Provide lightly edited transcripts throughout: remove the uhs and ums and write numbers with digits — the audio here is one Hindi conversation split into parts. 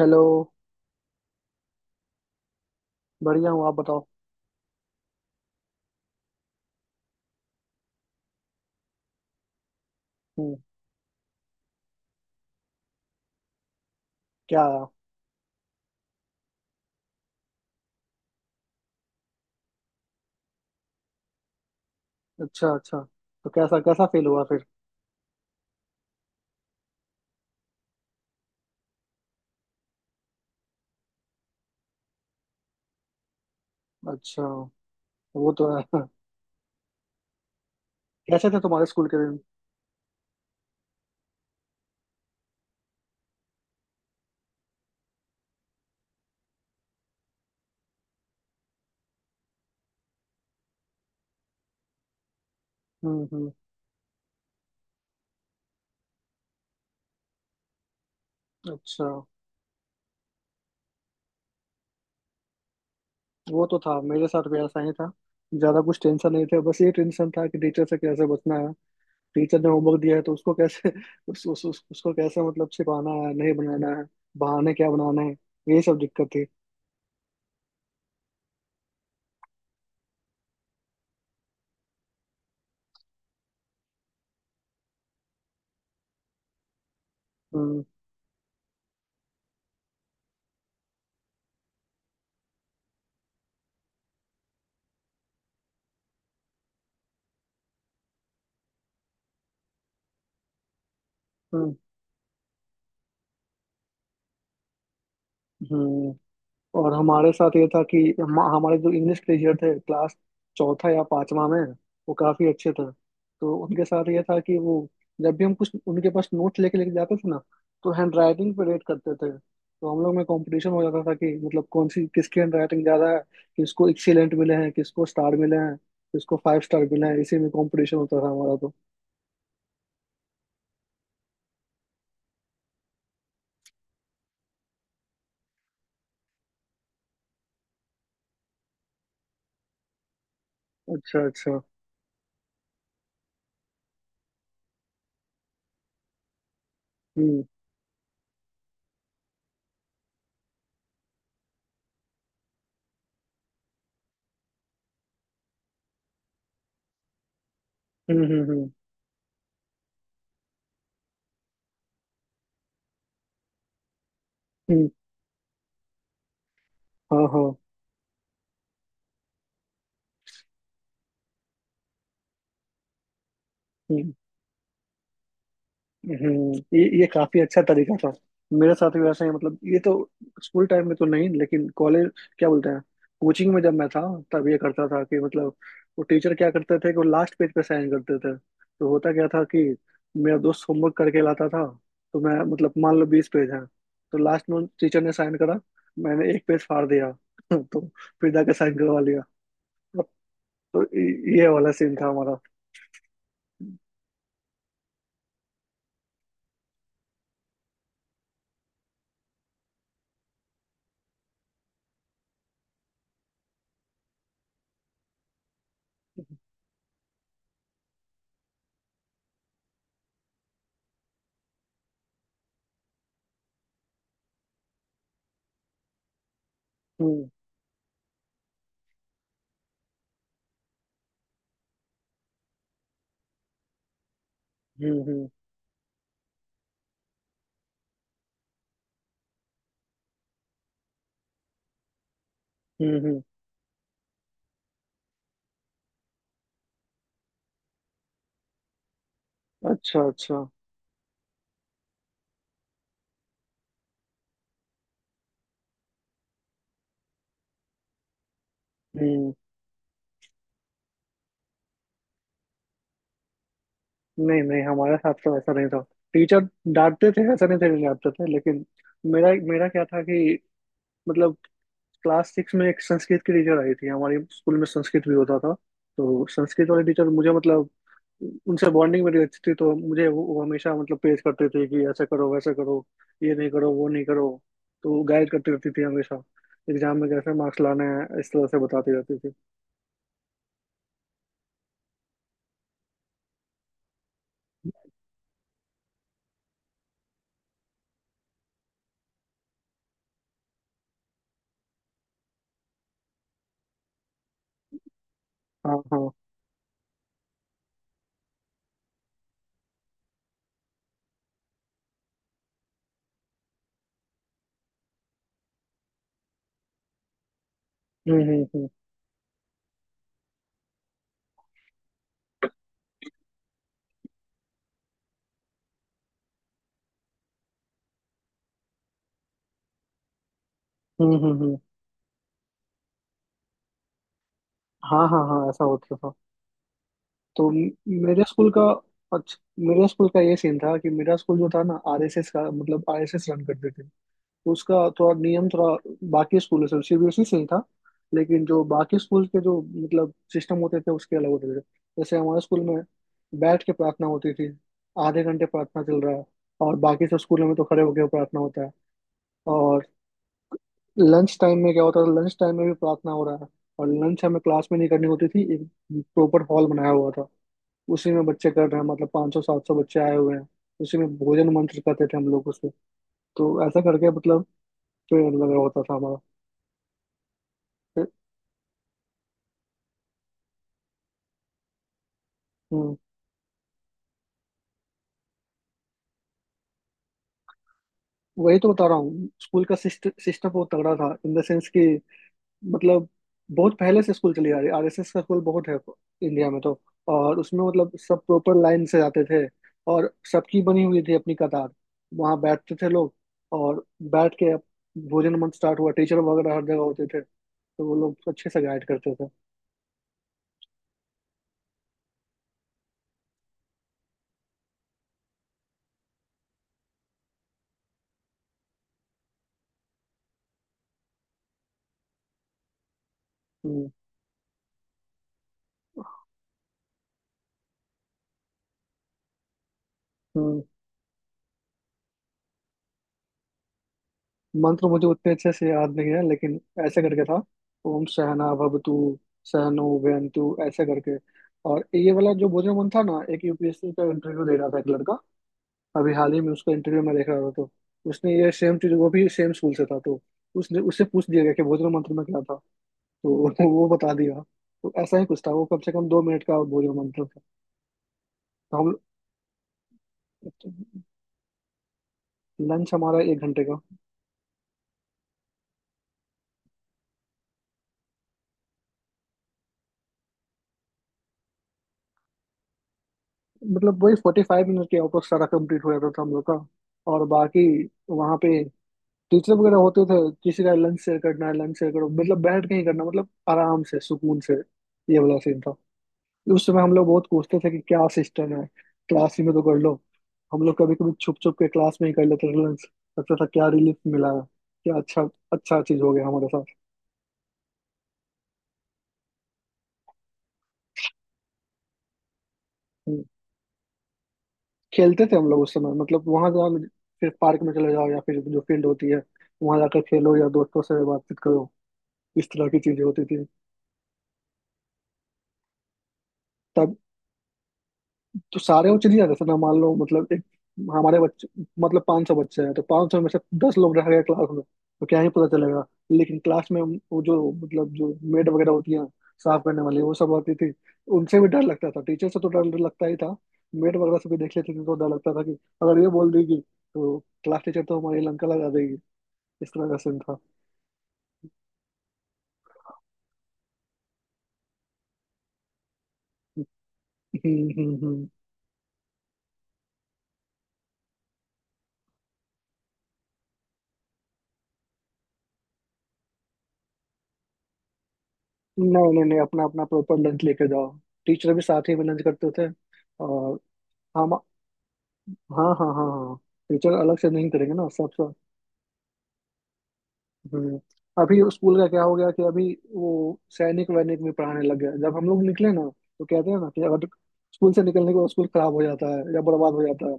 हेलो। बढ़िया हूँ, आप बताओ। हम्म क्या आया? अच्छा अच्छा। तो कैसा कैसा फेल हुआ फिर? अच्छा, वो तो है। कैसे थे तुम्हारे स्कूल के दिन? हम्म। अच्छा, वो तो था, मेरे साथ भी ऐसा ही था। ज्यादा कुछ टेंशन नहीं था, बस ये टेंशन था कि टीचर से कैसे बचना है। टीचर ने होमवर्क दिया है तो उसको कैसे उसको कैसे मतलब छिपाना है, नहीं बनाना है, बहाने क्या बनाना है। ये सब दिक्कत थी। हम्म हम्म हम्म। और हमारे साथ ये था कि हमारे जो इंग्लिश टीचर थे क्लास चौथा या पांचवा में, वो काफी अच्छे थे। तो उनके साथ ये था कि वो जब भी हम कुछ उनके पास नोट्स लेके लेके जाते थे ना, तो हैंड राइटिंग पे रेट करते थे। तो हम लोग में कंपटीशन हो जाता था कि मतलब कौन सी किसकी हैंड राइटिंग ज्यादा है, किसको एक्सीलेंट मिले हैं, किसको स्टार मिले हैं, किसको फाइव स्टार मिले हैं। इसी में कंपटीशन होता था हमारा। तो अच्छा अच्छा। हम्म हम्म हम्म हम्म हम्म, हाँ हाँ। ये काफी अच्छा तरीका था। मेरे साथ भी वैसा ही, मतलब ये तो स्कूल टाइम में तो नहीं, लेकिन कॉलेज, क्या बोलते हैं, कोचिंग में जब मैं था तब ये करता था कि मतलब वो टीचर क्या करते थे कि वो लास्ट पेज पे साइन करते थे। तो होता क्या था कि मेरा दोस्त होमवर्क करके लाता था। तो मैं मतलब मान लो 20 पेज है तो लास्ट में टीचर ने साइन करा, मैंने एक पेज फाड़ दिया तो फिर जाके साइन करवा लिया। तो ये वाला सीन था हमारा। हम्म हम्म हम्म हम्म हम्म, अच्छा अच्छा। हम्म। नहीं नहीं, हमारे साथ तो ऐसा नहीं था। टीचर डांटते थे, ऐसा नहीं थे कि डांटते थे, लेकिन मेरा मेरा क्या था कि मतलब क्लास सिक्स में एक संस्कृत की टीचर आई थी। हमारे स्कूल में संस्कृत भी होता था। तो संस्कृत वाले टीचर मुझे मतलब उनसे बॉन्डिंग मेरी अच्छी थी। तो मुझे वो हमेशा मतलब पेश करते थे कि ऐसा करो वैसा करो, ये नहीं करो वो नहीं करो। तो गाइड करती रहती थी हमेशा। एग्जाम में कैसे मार्क्स लाने हैं इस तरह से बताती रहती थी। हाँ हाँ। हम्म हम्म हम्म हम्म हम्म हम्म। हाँ हाँ हाँ, ऐसा होता था। तो म- मेरे स्कूल का, अच्छा, मेरे स्कूल का ये सीन था कि मेरा स्कूल जो था ना आरएसएस का, मतलब आरएसएस रन करते थे। तो उसका थोड़ा नियम, थोड़ा बाकी स्कूलों से, सीबीएसई से ही था, लेकिन जो बाकी स्कूल के जो मतलब सिस्टम होते थे उसके अलग होते थे। जैसे हमारे स्कूल में बैठ के प्रार्थना होती थी, आधे घंटे प्रार्थना चल रहा है। और बाकी सब स्कूलों में तो खड़े होकर प्रार्थना होता है। और लंच टाइम में क्या होता था, लंच टाइम में भी प्रार्थना हो रहा है। और लंच हमें क्लास में नहीं करनी होती थी, एक प्रॉपर हॉल बनाया हुआ था, उसी में बच्चे कर रहे हैं। मतलब 500 700 बच्चे आए हुए हैं उसी में। भोजन मंत्र करते थे हम लोग उसमें। तो ऐसा करके मतलब पेड़ लगा होता था हमारा। फिर- हम्म, वही तो बता रहा हूँ, स्कूल का सिस्टम बहुत तगड़ा था। इन द सेंस कि मतलब बहुत पहले से स्कूल चली आ रही, आरएसएस का स्कूल बहुत है इंडिया में। तो और उसमें मतलब सब प्रॉपर लाइन से जाते थे। और सबकी बनी हुई थी अपनी कतार, वहां बैठते थे लोग। और बैठ के भोजन मंत्र स्टार्ट हुआ, टीचर वगैरह हर जगह होते थे, तो वो लोग अच्छे से गाइड करते थे। हम्म। हम्म, मंत्र मुझे उतने अच्छे से याद नहीं है, लेकिन ऐसे करके था, ओम सहना भवतु, सहनो वैनतु, ऐसे करके। और ये वाला जो भोजन मन था ना, एक यूपीएससी का इंटरव्यू दे रहा था एक लड़का अभी हाल ही में, उसका इंटरव्यू में देख रहा था। तो उसने ये सेम चीज, वो भी सेम स्कूल से था। तो उसने, उससे पूछ दिया गया कि भोजन मंत्र में क्या था, तो वो बता दिया। तो ऐसा ही कुछ था। वो कम से कम 2 मिनट का भोजन मंत्र था। तो हम लंच हमारा 1 घंटे का। मतलब वही 45 मिनट के आउट ऑफ सारा कंप्लीट हो जाता था हम लोग का। और बाकी वहाँ पे टीचर वगैरह होते थे। किसी का लंच शेयर करना है, लंच शेयर करो, मतलब बैठ के ही करना, मतलब आराम से सुकून से। ये वाला सीन था। उस समय हम लोग बहुत पूछते थे कि क्या सिस्टम है, क्लास ही में तो कर लो। हम लोग कभी कभी छुप छुप के क्लास में ही कर लेते थे लंच। लगता था क्या रिलीफ मिला है, क्या अच्छा अच्छा चीज हो गया हमारे साथ। हम्म। खेलते थे हम लोग उस समय। मतलब वहां जाओ, फिर पार्क में चले जाओ, या फिर जो फील्ड होती है वहां जाकर खेलो, या दोस्तों से बातचीत करो। इस तरह की चीजें होती थी। तब तो सारे वो चले जाते थे ना। मान लो मतलब एक हमारे बच्चे, मतलब 500 बच्चे हैं, तो 500 में से 10 लोग रह गए क्लास में, तो क्या ही पता चलेगा। लेकिन क्लास में वो जो मतलब जो मेड वगैरह होती हैं, साफ करने वाली, वो सब आती थी। उनसे भी डर लगता था, टीचर से तो डर लगता ही था, मेड वगैरह से भी देख लेते थे तो डर लगता था कि अगर ये बोल देगी तो क्लास टीचर तो हमारी लंका लगा देगी। इस तरह का सीन था। हम्म हम्म हम्म। नहीं नहीं नहीं, अपना अपना प्रॉपर लंच लेके जाओ। टीचर भी साथ ही में लंच करते थे। और हम, हाँ हाँ हाँ हाँ, टीचर अलग से नहीं करेंगे ना, सब सब। हम्म। अभी स्कूल का क्या हो गया कि अभी वो सैनिक वैनिक में पढ़ाने लग गया जब हम लोग निकले ना। तो कहते हैं ना कि अगर स्कूल से निकलने के बाद स्कूल खराब हो जाता है या बर्बाद हो जाता है,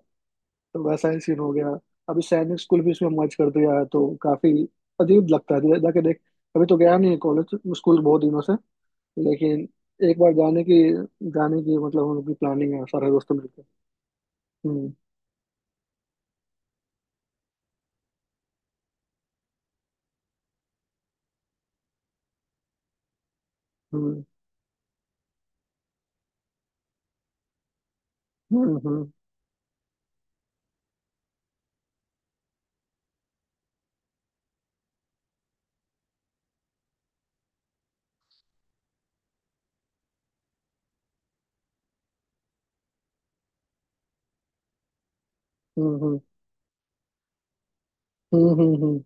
तो वैसा ही सीन हो गया। अभी सैनिक स्कूल भी इसमें मर्ज कर दिया है तो काफी अजीब लगता है जाके देख। अभी तो गया नहीं है कॉलेज स्कूल बहुत दिनों से, लेकिन एक बार जाने की, मतलब हम लोग की प्लानिंग है सारे दोस्तों मिलकर। हम्म हम्म हम्म हम्म हम्म हम्म हम्म हम्म, हम्म,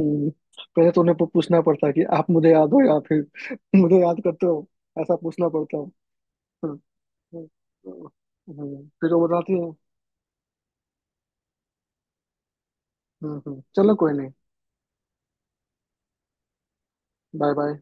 हम्म, पहले तो उन्हें पूछना पड़ता है कि आप मुझे याद हो, या फिर मुझे याद करते हो। ऐसा पूछना पड़ता है। हम्म, हम्म, फिर वो बताती है। चलो कोई नहीं। Bye bye.